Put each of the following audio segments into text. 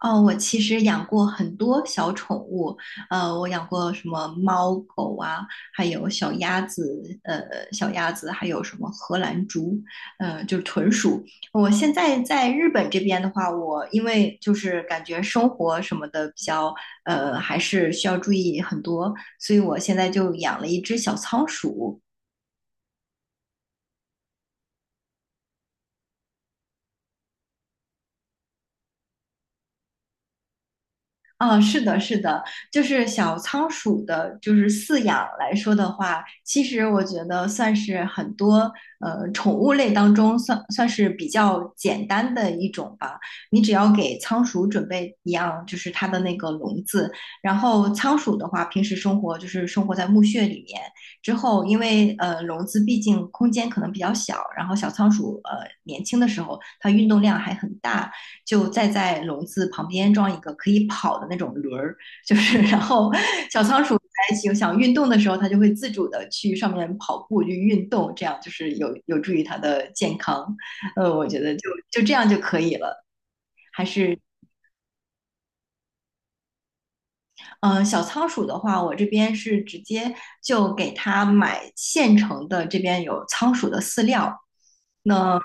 哦，我其实养过很多小宠物，我养过什么猫狗啊，还有小鸭子，还有什么荷兰猪，就是豚鼠。我现在在日本这边的话，我因为就是感觉生活什么的比较，还是需要注意很多，所以我现在就养了一只小仓鼠，啊，是的，是的，就是小仓鼠的，就是饲养来说的话，其实我觉得算是很多宠物类当中算是比较简单的一种吧。你只要给仓鼠准备一样，就是它的那个笼子，然后仓鼠的话，平时生活就是生活在墓穴里面，之后因为笼子毕竟空间可能比较小，然后小仓鼠年轻的时候它运动量还很大，就再在笼子旁边装一个可以跑的那种轮儿，就是然后小仓鼠在想运动的时候，它就会自主的去上面跑步去运动，这样就是有助于它的健康。我觉得就这样就可以了。小仓鼠的话，我这边是直接就给它买现成的，这边有仓鼠的饲料。那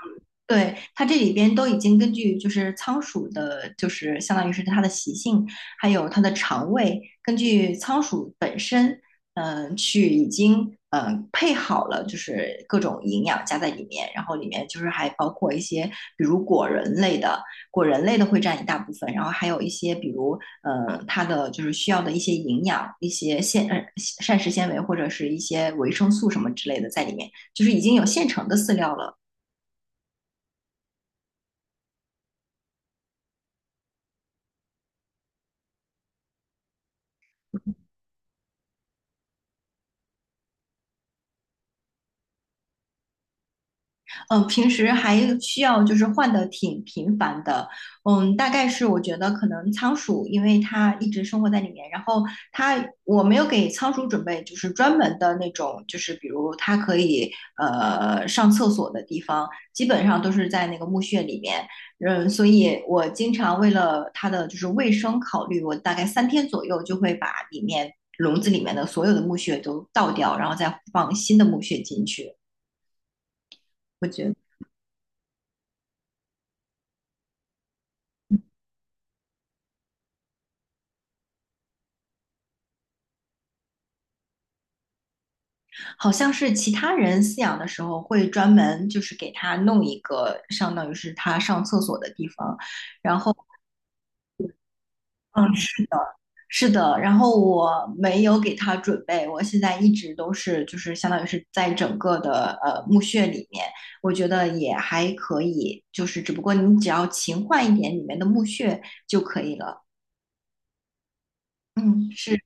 对它这里边都已经根据就是仓鼠的，就是相当于是它的习性，还有它的肠胃，根据仓鼠本身，已经配好了，就是各种营养加在里面，然后里面就是还包括一些比如果仁类的，果仁类的会占一大部分，然后还有一些比如它的就是需要的一些营养、一些膳食纤维或者是一些维生素什么之类的在里面，就是已经有现成的饲料了。嗯，平时还需要就是换的挺频繁的，嗯，大概是我觉得可能仓鼠，因为它一直生活在里面，然后我没有给仓鼠准备就是专门的那种，就是比如它可以上厕所的地方，基本上都是在那个墓穴里面，嗯，所以我经常为了它的就是卫生考虑，我大概三天左右就会把笼子里面的所有的墓穴都倒掉，然后再放新的墓穴进去，我觉得。好像是其他人饲养的时候会专门就是给它弄一个相当于是它上厕所的地方。嗯，是的。然后我没有给它准备，我现在一直都是就是相当于是在整个的墓穴里面，我觉得也还可以。就是只不过你只要勤换一点里面的墓穴就可以了。嗯，是。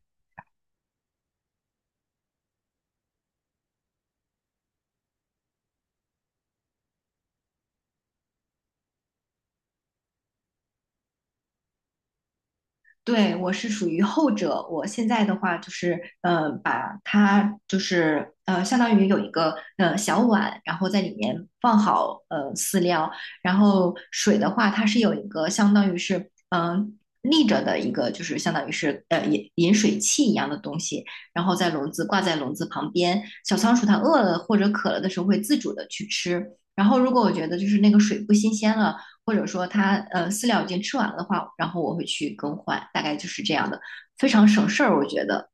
对，我是属于后者。我现在的话就是，把它就是相当于有一个小碗，然后在里面放好饲料，然后水的话，它是有一个相当于是嗯、呃立着的一个，就是相当于是饮水器一样的东西，然后在笼子挂在笼子旁边。小仓鼠它饿了或者渴了的时候会自主的去吃。然后如果我觉得就是那个水不新鲜了，或者说它饲料已经吃完了的话，然后我会去更换，大概就是这样的，非常省事儿，我觉得。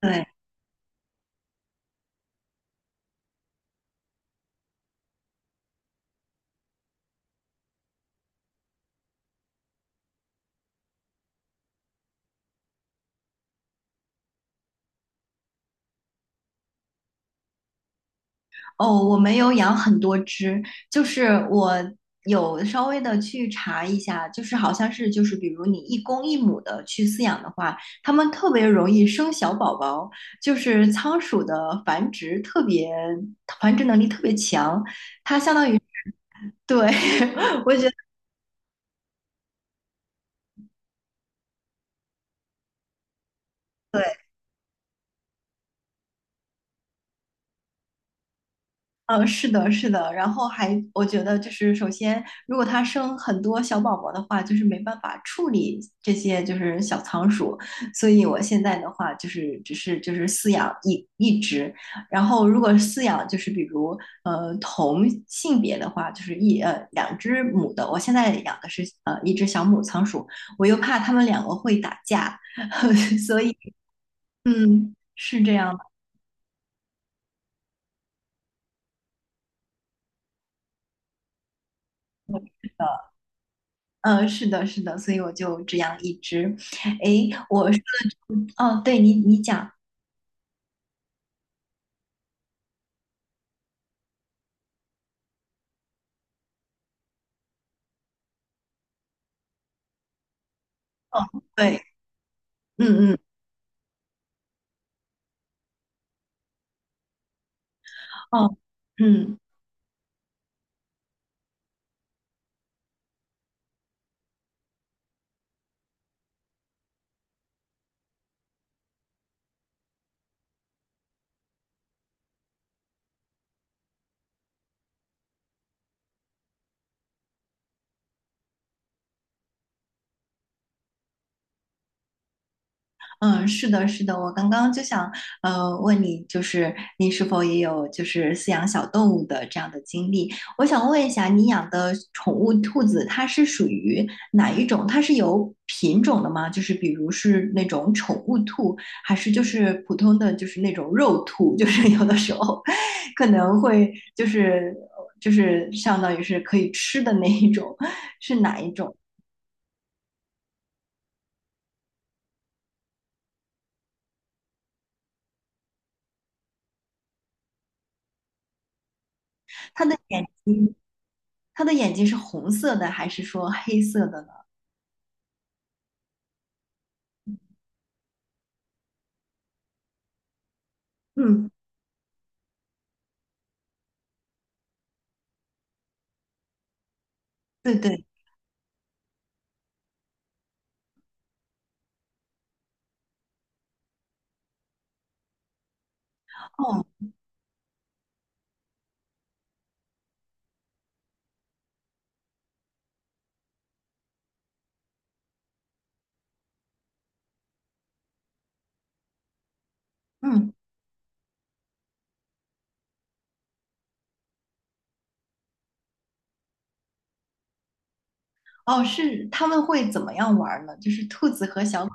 对，哦，我没有养很多只，就是我有稍微的去查一下，就是好像是就是比如你一公一母的去饲养的话，它们特别容易生小宝宝，就是仓鼠的繁殖能力特别强，它相当于对，我觉得。对。嗯，是的，是的，然后还我觉得就是，首先，如果它生很多小宝宝的话，就是没办法处理这些就是小仓鼠，所以我现在的话就是只是就是饲养一只，然后如果饲养就是比如同性别的话，就是两只母的，我现在养的是一只小母仓鼠，我又怕它们两个会打架，所以是这样的。嗯，是的，是的，所以我就只养一只。诶，我说的这个哦，对你，你讲，哦，对，嗯嗯，哦，嗯。嗯，是的，是的，我刚刚就想，问你，就是你是否也有就是饲养小动物的这样的经历？我想问一下，你养的宠物兔子，它是属于哪一种？它是有品种的吗？就是比如是那种宠物兔，还是就是普通的就是那种肉兔？就是有的时候可能会就是相当于是可以吃的那一种，是哪一种？它的眼睛，它的眼睛是红色的还是说黑色的？嗯，对对，哦，嗯，哦，是他们会怎么样玩儿呢？就是兔子和小狗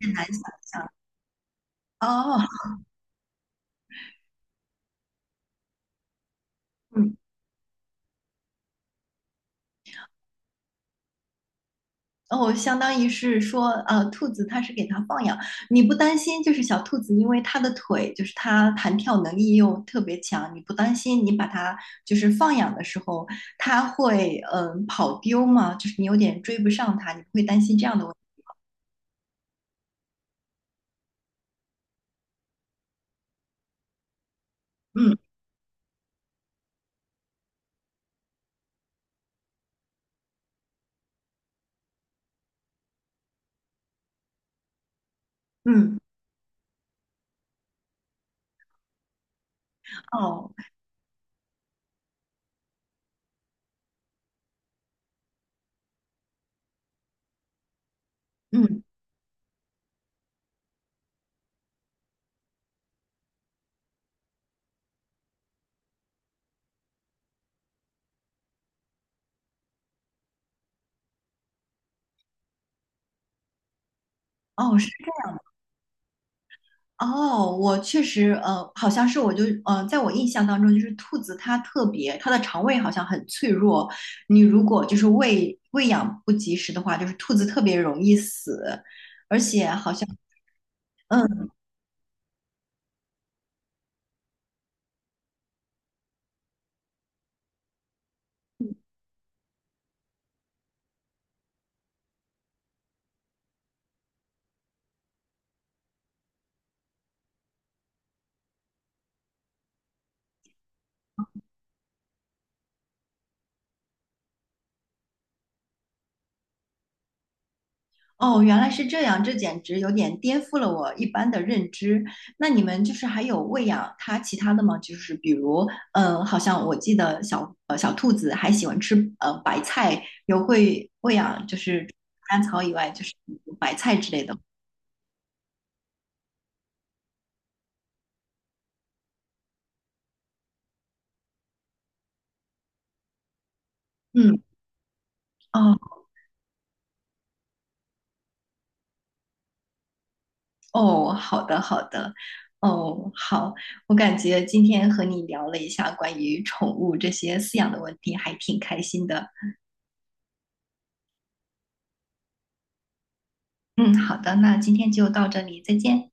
很难想象。哦，嗯，哦，相当于是说，兔子它是给它放养，你不担心，就是小兔子，因为它的腿就是它弹跳能力又特别强，你不担心你把它就是放养的时候，它会跑丢吗？就是你有点追不上它，你不会担心这样的问题。嗯嗯，哦，嗯哦，是。哦，我确实，好像是我就，在我印象当中，就是兔子它特别，它的肠胃好像很脆弱，你如果就是喂养不及时的话，就是兔子特别容易死。嗯，哦，原来是这样，这简直有点颠覆了我一般的认知。那你们就是还有喂养它其他的吗？就是比如，嗯，好像我记得小兔子还喜欢吃白菜，有会喂养就是除了甘草以外，就是白菜之类的。嗯。哦，哦，好的，好的，哦，好，我感觉今天和你聊了一下关于宠物这些饲养的问题，还挺开心的。嗯，好的，那今天就到这里，再见。